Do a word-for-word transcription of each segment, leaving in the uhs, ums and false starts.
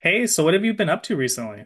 Hey, so what have you been up to recently? Uh,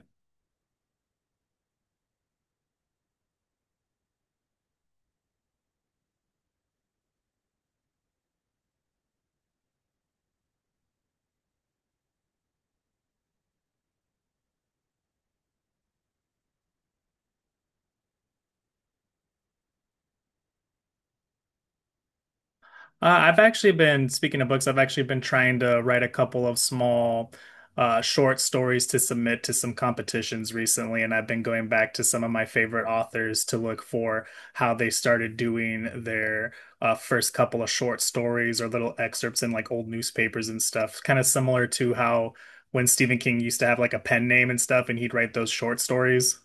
I've actually been, speaking of books, I've actually been trying to write a couple of small, uh, short stories to submit to some competitions recently, and I've been going back to some of my favorite authors to look for how they started doing their uh, first couple of short stories or little excerpts in like old newspapers and stuff. Kind of similar to how when Stephen King used to have like a pen name and stuff, and he'd write those short stories.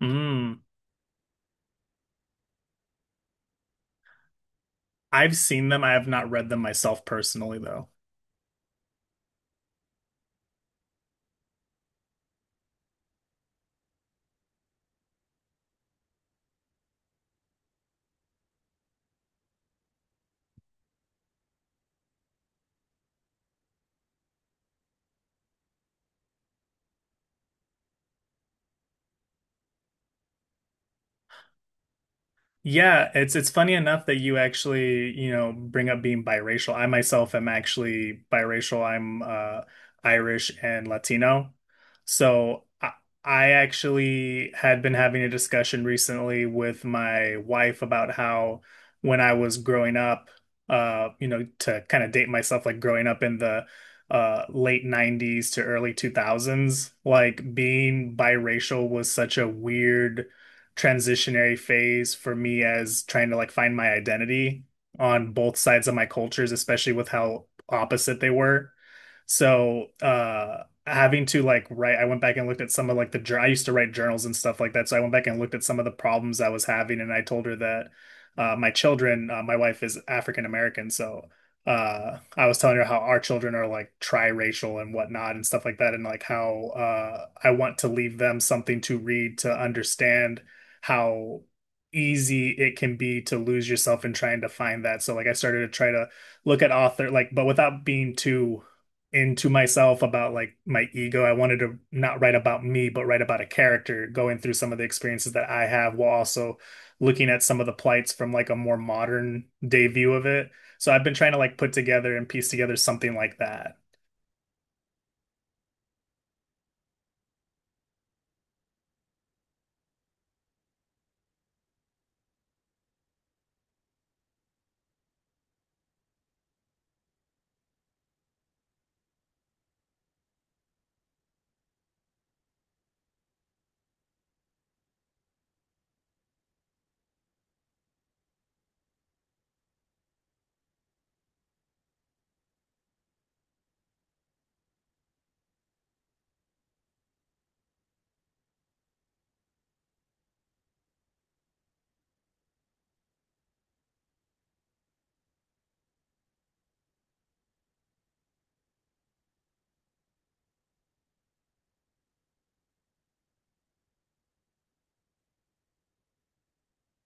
Mm. I've seen them. I have not read them myself personally, though. Yeah, it's it's funny enough that you actually, you know, bring up being biracial. I myself am actually biracial. I'm uh Irish and Latino. So I, I actually had been having a discussion recently with my wife about how when I was growing up, uh, you know, to kind of date myself, like growing up in the uh late nineties to early two thousands, like being biracial was such a weird transitionary phase for me as trying to like find my identity on both sides of my cultures, especially with how opposite they were. So, uh, having to like write, I went back and looked at some of like the, jour- I used to write journals and stuff like that. So I went back and looked at some of the problems I was having, and I told her that uh, my children, uh, my wife is African American, so uh I was telling her how our children are like tri-racial and whatnot and stuff like that, and like how uh I want to leave them something to read to understand how easy it can be to lose yourself in trying to find that. So like I started to try to look at author like, but without being too into myself about like my ego. I wanted to not write about me, but write about a character going through some of the experiences that I have, while also looking at some of the plights from like a more modern day view of it. So I've been trying to like put together and piece together something like that.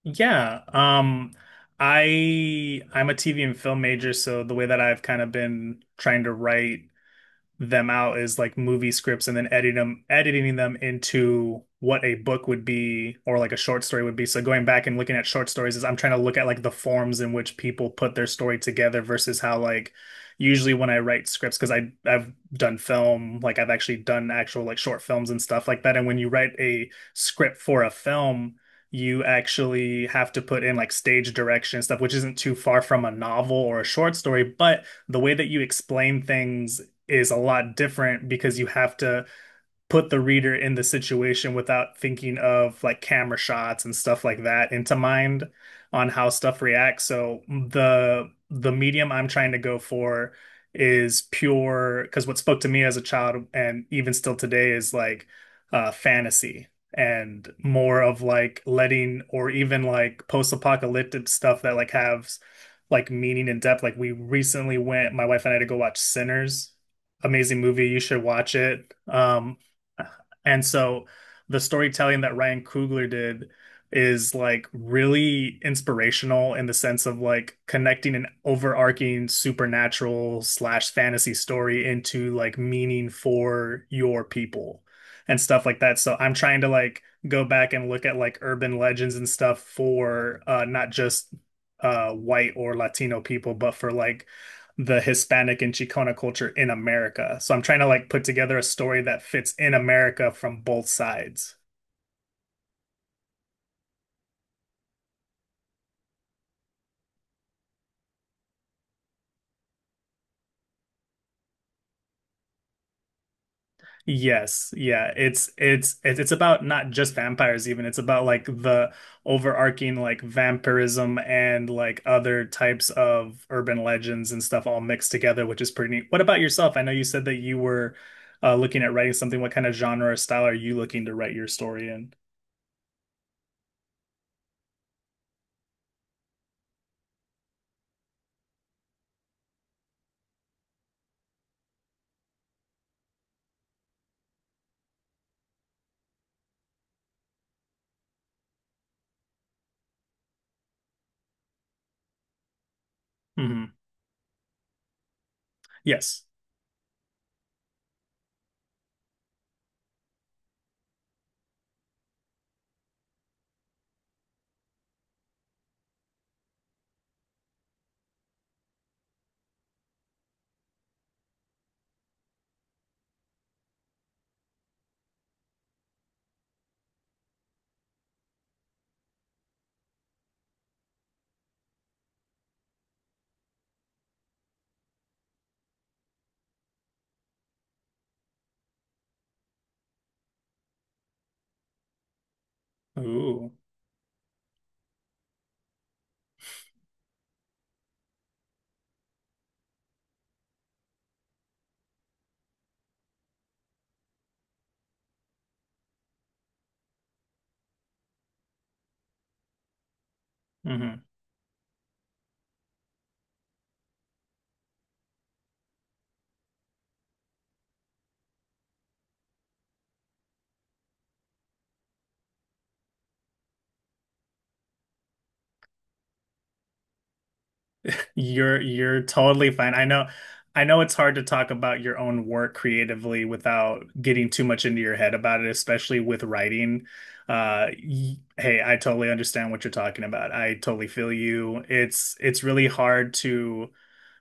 Yeah, um, I I'm a T V and film major, so the way that I've kind of been trying to write them out as like movie scripts, and then editing them editing them into what a book would be or like a short story would be. So going back and looking at short stories is, I'm trying to look at like the forms in which people put their story together versus how, like, usually when I write scripts, because I I've done film, like I've actually done actual, like, short films and stuff like that. And when you write a script for a film, you actually have to put in like stage direction and stuff, which isn't too far from a novel or a short story, but the way that you explain things is a lot different, because you have to put the reader in the situation without thinking of like camera shots and stuff like that into mind, on how stuff reacts. So the the medium I'm trying to go for is pure, because what spoke to me as a child and even still today is like uh fantasy and more of like letting, or even like post-apocalyptic stuff that like have like meaning and depth. Like, we recently went, my wife and I, to go watch Sinners, amazing movie. You should watch it. Um, and so the storytelling that Ryan Coogler did is like really inspirational in the sense of like connecting an overarching supernatural slash fantasy story into like meaning for your people and stuff like that. So I'm trying to like go back and look at like urban legends and stuff for uh not just uh white or Latino people, but for like the Hispanic and Chicana culture in America. So I'm trying to like put together a story that fits in America from both sides. Yes, yeah, it's it's it's it's about not just vampires even. It's about like the overarching like vampirism and like other types of urban legends and stuff all mixed together, which is pretty neat. What about yourself? I know you said that you were uh, looking at writing something. What kind of genre or style are you looking to write your story in? Hmm. Yes. Ooh. Mm-hmm. You're you're totally fine. I know I know it's hard to talk about your own work creatively without getting too much into your head about it, especially with writing. Uh, y- hey, I totally understand what you're talking about. I totally feel you. It's it's really hard to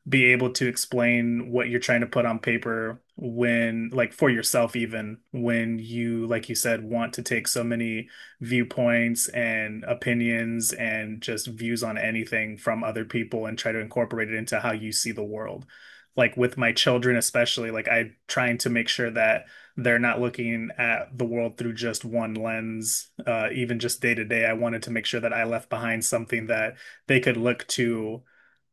be able to explain what you're trying to put on paper, when like, for yourself, even when you, like you said, want to take so many viewpoints and opinions and just views on anything from other people and try to incorporate it into how you see the world. Like with my children especially, like, I am trying to make sure that they're not looking at the world through just one lens, uh even just day to day. I wanted to make sure that I left behind something that they could look to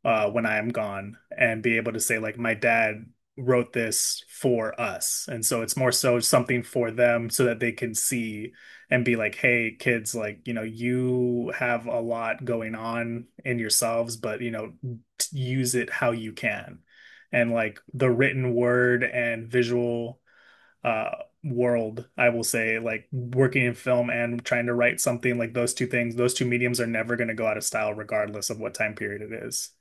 uh, when I am gone, and be able to say, like, my dad wrote this for us. And so it's more so something for them, so that they can see and be like, hey, kids, like, you know, you have a lot going on in yourselves, but, you know, t- use it how you can. And like the written word and visual, uh, world, I will say, like working in film and trying to write something, like those two things, those two mediums are never going to go out of style, regardless of what time period it is.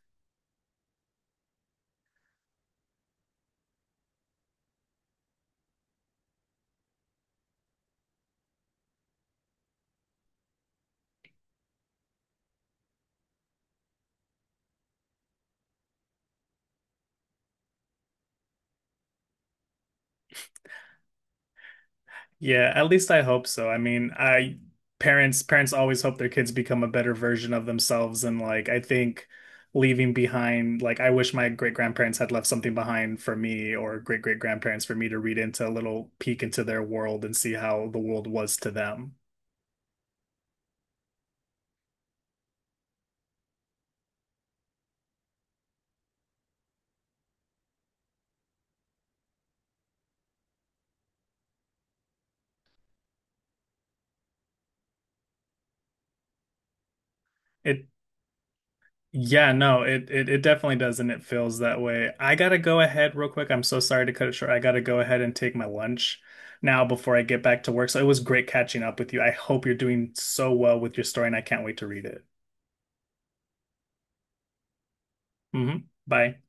Yeah, at least I hope so. I mean, I parents parents always hope their kids become a better version of themselves, and like I think leaving behind, like, I wish my great grandparents had left something behind for me, or great great grandparents, for me to read, into a little peek into their world, and see how the world was to them. It Yeah, no, it, it it definitely does, and it feels that way. I gotta go ahead real quick. I'm so sorry to cut it short. I gotta go ahead and take my lunch now before I get back to work. So it was great catching up with you. I hope you're doing so well with your story, and I can't wait to read it. Hmm. Bye.